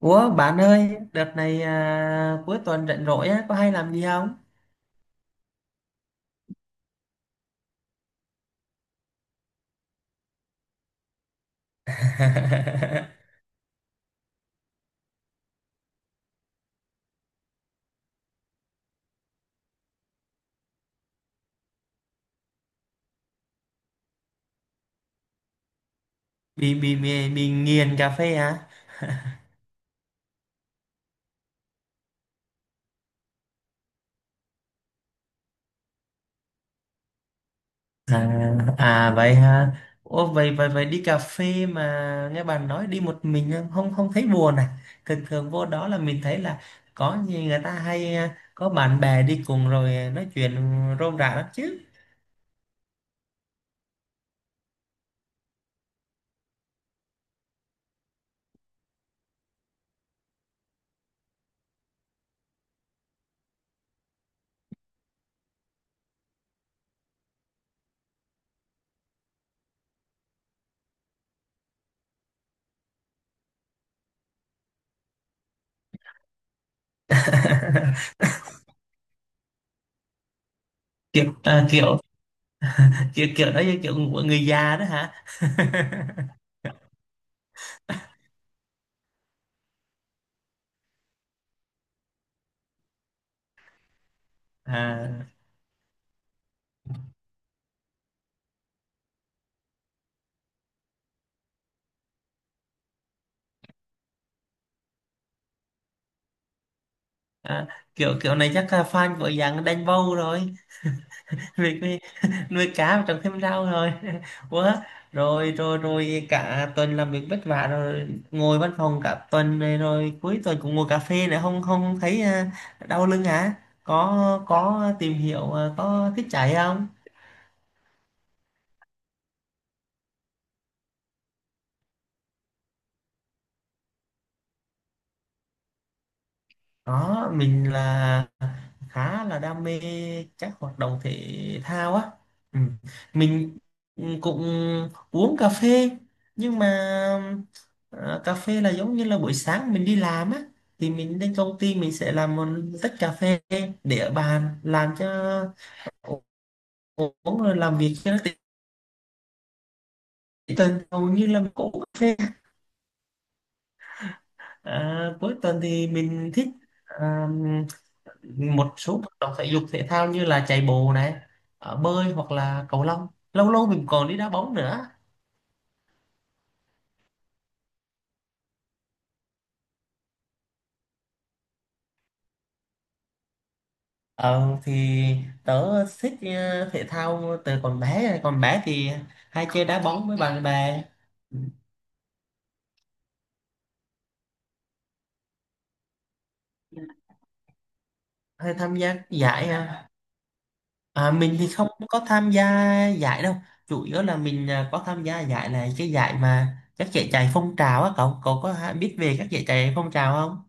Ủa bạn ơi, đợt này cuối tuần rảnh rỗi á, có hay làm gì không? Bị nghiền cà phê hả? À, à vậy hả? Ủa vậy vậy vậy đi cà phê mà nghe bạn nói đi một mình không không thấy buồn à? Thường thường vô đó là mình thấy là có gì người ta hay có bạn bè đi cùng rồi nói chuyện rôm rả lắm chứ. kiểu, à, kiểu kiểu đó như kiểu của người già đó hả? à. À, kiểu kiểu này chắc là fan của dạng đánh bầu rồi. vì cái- nuôi cá và trồng thêm rau rồi quá. Rồi rồi rồi cả tuần làm việc vất vả rồi ngồi văn phòng cả tuần này rồi cuối tuần cũng ngồi cà phê nữa, không không thấy đau lưng hả? Có tìm hiểu có thích chạy không? Đó, mình là khá là đam mê các hoạt động thể thao á. Ừ. Mình cũng uống cà phê nhưng mà ờ, cà phê là giống như là buổi sáng mình đi làm á, thì mình đến công ty mình sẽ làm một tách cà phê để ở bàn làm cho uống rồi làm việc cho nó tỉnh. Tuần hầu như là mình cũng uống cà phê. Cuối tuần thì mình thích một số hoạt động thể dục thể thao như là chạy bộ này, bơi hoặc là cầu lông. Lâu lâu mình còn đi đá bóng nữa. Ờ thì tớ thích thể thao từ còn bé. Còn bé thì hay chơi đá bóng với bạn bè. Hay tham gia giải à. À, mình thì không có tham gia giải đâu, chủ yếu là mình có tham gia giải này, cái giải mà các giải chạy phong trào á. Cậu cậu biết về các giải chạy phong trào không?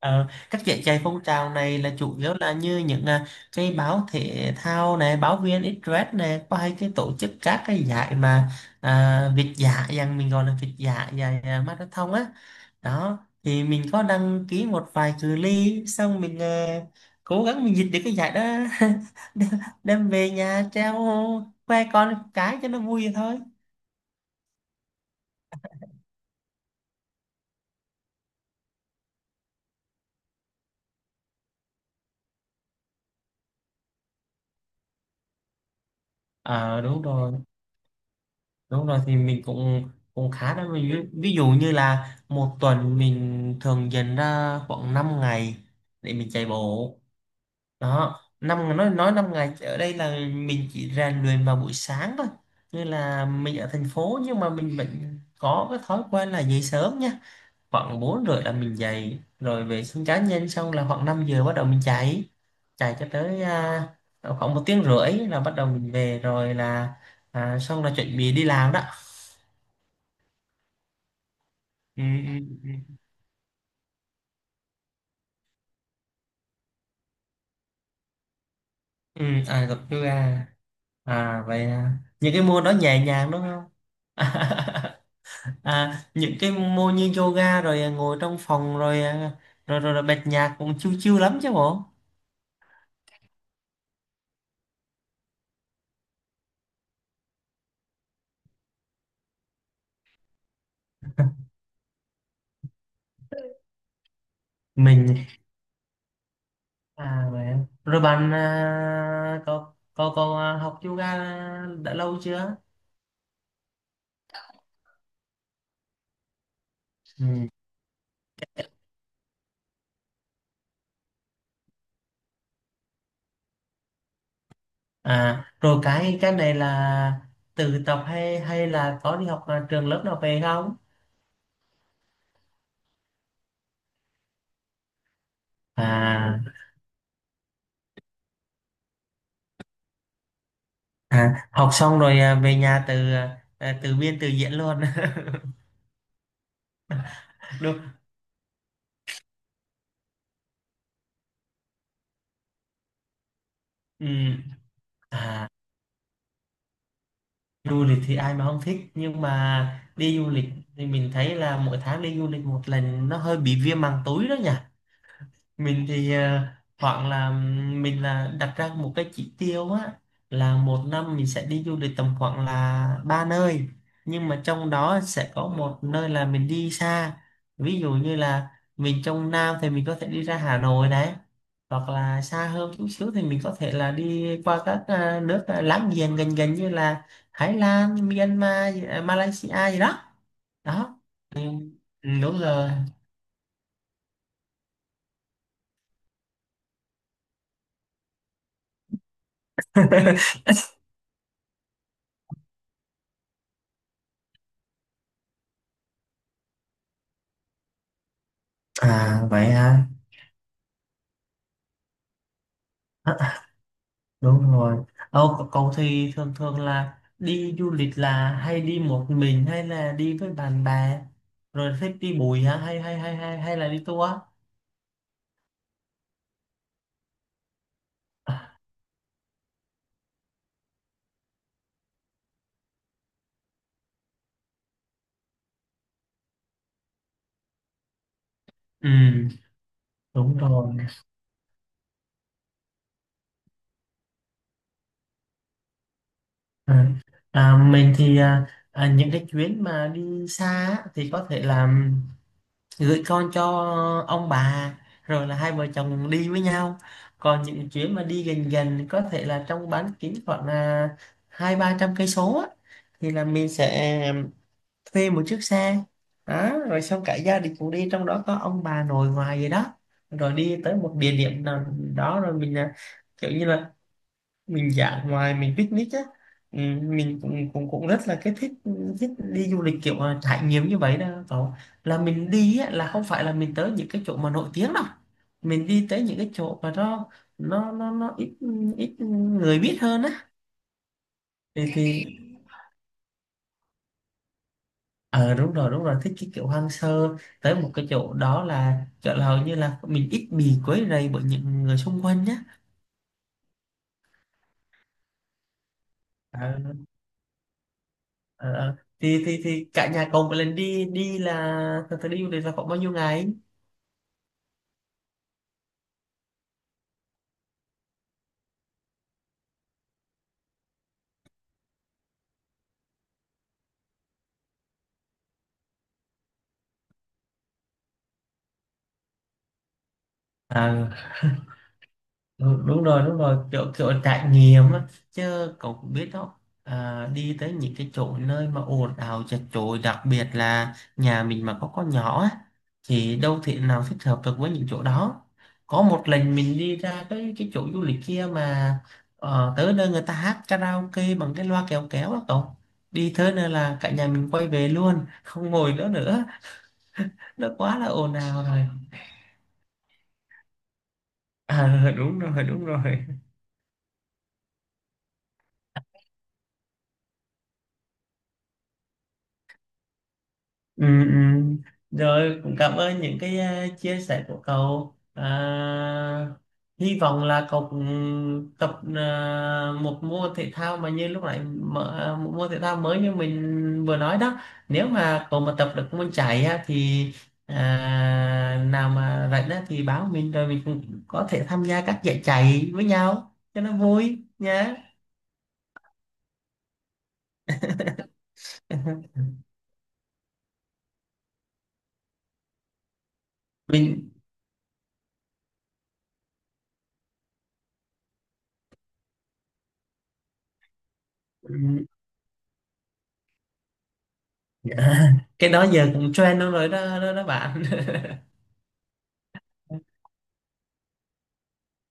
Ờ, các giải chạy phong trào này là chủ yếu là như những cái báo thể thao này, báo viên Express này, có hay cái tổ chức các cái giải mà việt dã, rằng mình gọi là việt dã, giải marathon á. Đó, thì mình có đăng ký một vài cự ly, xong mình cố gắng mình giật được cái giải đó, đem đem về nhà treo khoe con cái cho nó vui vậy thôi. Ờ, đúng rồi. Đúng rồi, thì mình cũng cũng khá đó. Mình ví dụ như là một tuần mình thường dành ra khoảng 5 ngày để mình chạy bộ. Đó, năm nói 5 ngày ở đây là mình chỉ rèn luyện vào buổi sáng thôi. Như là mình ở thành phố nhưng mà mình vẫn có cái thói quen là dậy sớm nha. Khoảng 4 rưỡi là mình dậy rồi vệ sinh cá nhân xong, là khoảng 5 giờ bắt đầu mình chạy. Chạy cho tới khoảng 1 tiếng rưỡi là bắt đầu mình về rồi là xong là chuẩn bị đi làm đó. Ừ, ừ, ừ. Ừ, Ai Cập chú Ba. À vậy à. Những cái môn đó nhẹ nhàng đúng không? À, những cái môn như yoga rồi ngồi trong phòng rồi rồi bật nhạc cũng chill chill lắm chứ bộ. Mình à vậy à. Rồi bạn có học yoga đã lâu chưa? Ừ. À rồi cái này là tự tập hay hay là có đi học trường lớp nào về không? À. À, học xong rồi về nhà từ biên từ diễn luôn. Đu, ừm, à, du lịch thì ai mà không thích, nhưng mà đi du lịch thì mình thấy là mỗi tháng đi du lịch một lần nó hơi bị viêm màng túi đó nhỉ. Mình thì hoặc là mình là đặt ra một cái chỉ tiêu á, là một năm mình sẽ đi du lịch tầm khoảng là ba nơi, nhưng mà trong đó sẽ có một nơi là mình đi xa. Ví dụ như là mình trong Nam thì mình có thể đi ra Hà Nội này, hoặc là xa hơn chút xíu thì mình có thể là đi qua các nước láng giềng gần gần như là Thái Lan, Myanmar, à, Malaysia gì đó. Đó. Ừ, đúng rồi. À vậy à, đúng rồi. Ồ, cậu thì thường thường là đi du lịch là hay đi một mình hay là đi với bạn bè, rồi thích đi bụi hả hay hay hay hay hay là đi tour? Ừ, đúng rồi. à, mình thì những cái chuyến mà đi xa á, thì có thể là gửi con cho ông bà rồi là hai vợ chồng đi với nhau. Còn những chuyến mà đi gần gần có thể là trong bán kính khoảng là 200-300 cây số á, thì là mình sẽ thuê một chiếc xe. Đó, rồi xong cả gia đình cũng đi, trong đó có ông bà nội ngoại gì đó, rồi đi tới một địa điểm nào đó, rồi mình kiểu như là mình dã ngoại, mình picnic á. Ừ, mình cũng cũng cũng rất là cái thích, thích đi du lịch kiểu trải nghiệm như vậy đó cậu. Là mình đi á, là không phải là mình tới những cái chỗ mà nổi tiếng đâu, mình đi tới những cái chỗ mà nó ít, ít người biết hơn á. Thì ờ đúng rồi, đúng rồi, thích cái kiểu hoang sơ. Tới một cái chỗ đó là chỗ là hầu như là mình ít bị quấy rầy bởi những người xung quanh nhá. ờ, ờ. Thì cả nhà cậu một lần đi đi là thật sự đi du lịch là khoảng bao nhiêu ngày? Ờ, đúng rồi, đúng rồi, kiểu kiểu trải nghiệm á. Chứ cậu cũng biết đó, đi tới những cái chỗ nơi mà ồn ào chật chội, đặc biệt là nhà mình mà có con nhỏ á, thì đâu thể nào thích hợp được với những chỗ đó. Có một lần mình đi ra cái chỗ du lịch kia mà tới nơi người ta hát karaoke bằng cái loa kéo kéo á cậu, đi tới nơi là cả nhà mình quay về luôn không ngồi nữa nữa. Nó quá là ồn ào rồi. À đúng rồi, đúng rồi. Ừ, ừ. Rồi cũng cảm ơn những cái chia sẻ của cậu. À, hy vọng là cậu cũng tập một môn thể thao mà như lúc nãy mở, một môn thể thao mới như mình vừa nói đó. Nếu mà cậu mà tập được môn chạy á, thì à, nào mà rảnh á, thì báo mình, rồi mình cũng có thể tham gia các giải chạy với nhau cho nó vui nhé. Mình ừ, dạ. Cái đó giờ cũng trend luôn rồi, đó đó, đó bạn.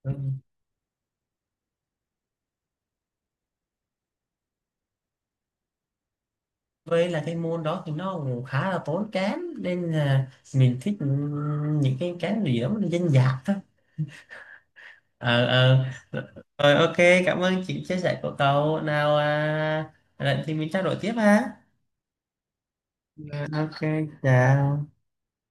Với là cái môn đó thì nó cũng khá là tốn kém nên là mình thích những cái gì đó nó dân dã thôi. Ờ ờ. Rồi ok, cảm ơn chị chia sẻ của cậu. Nào à, lần thì mình trao đổi tiếp ha. Ờ, ok, chào.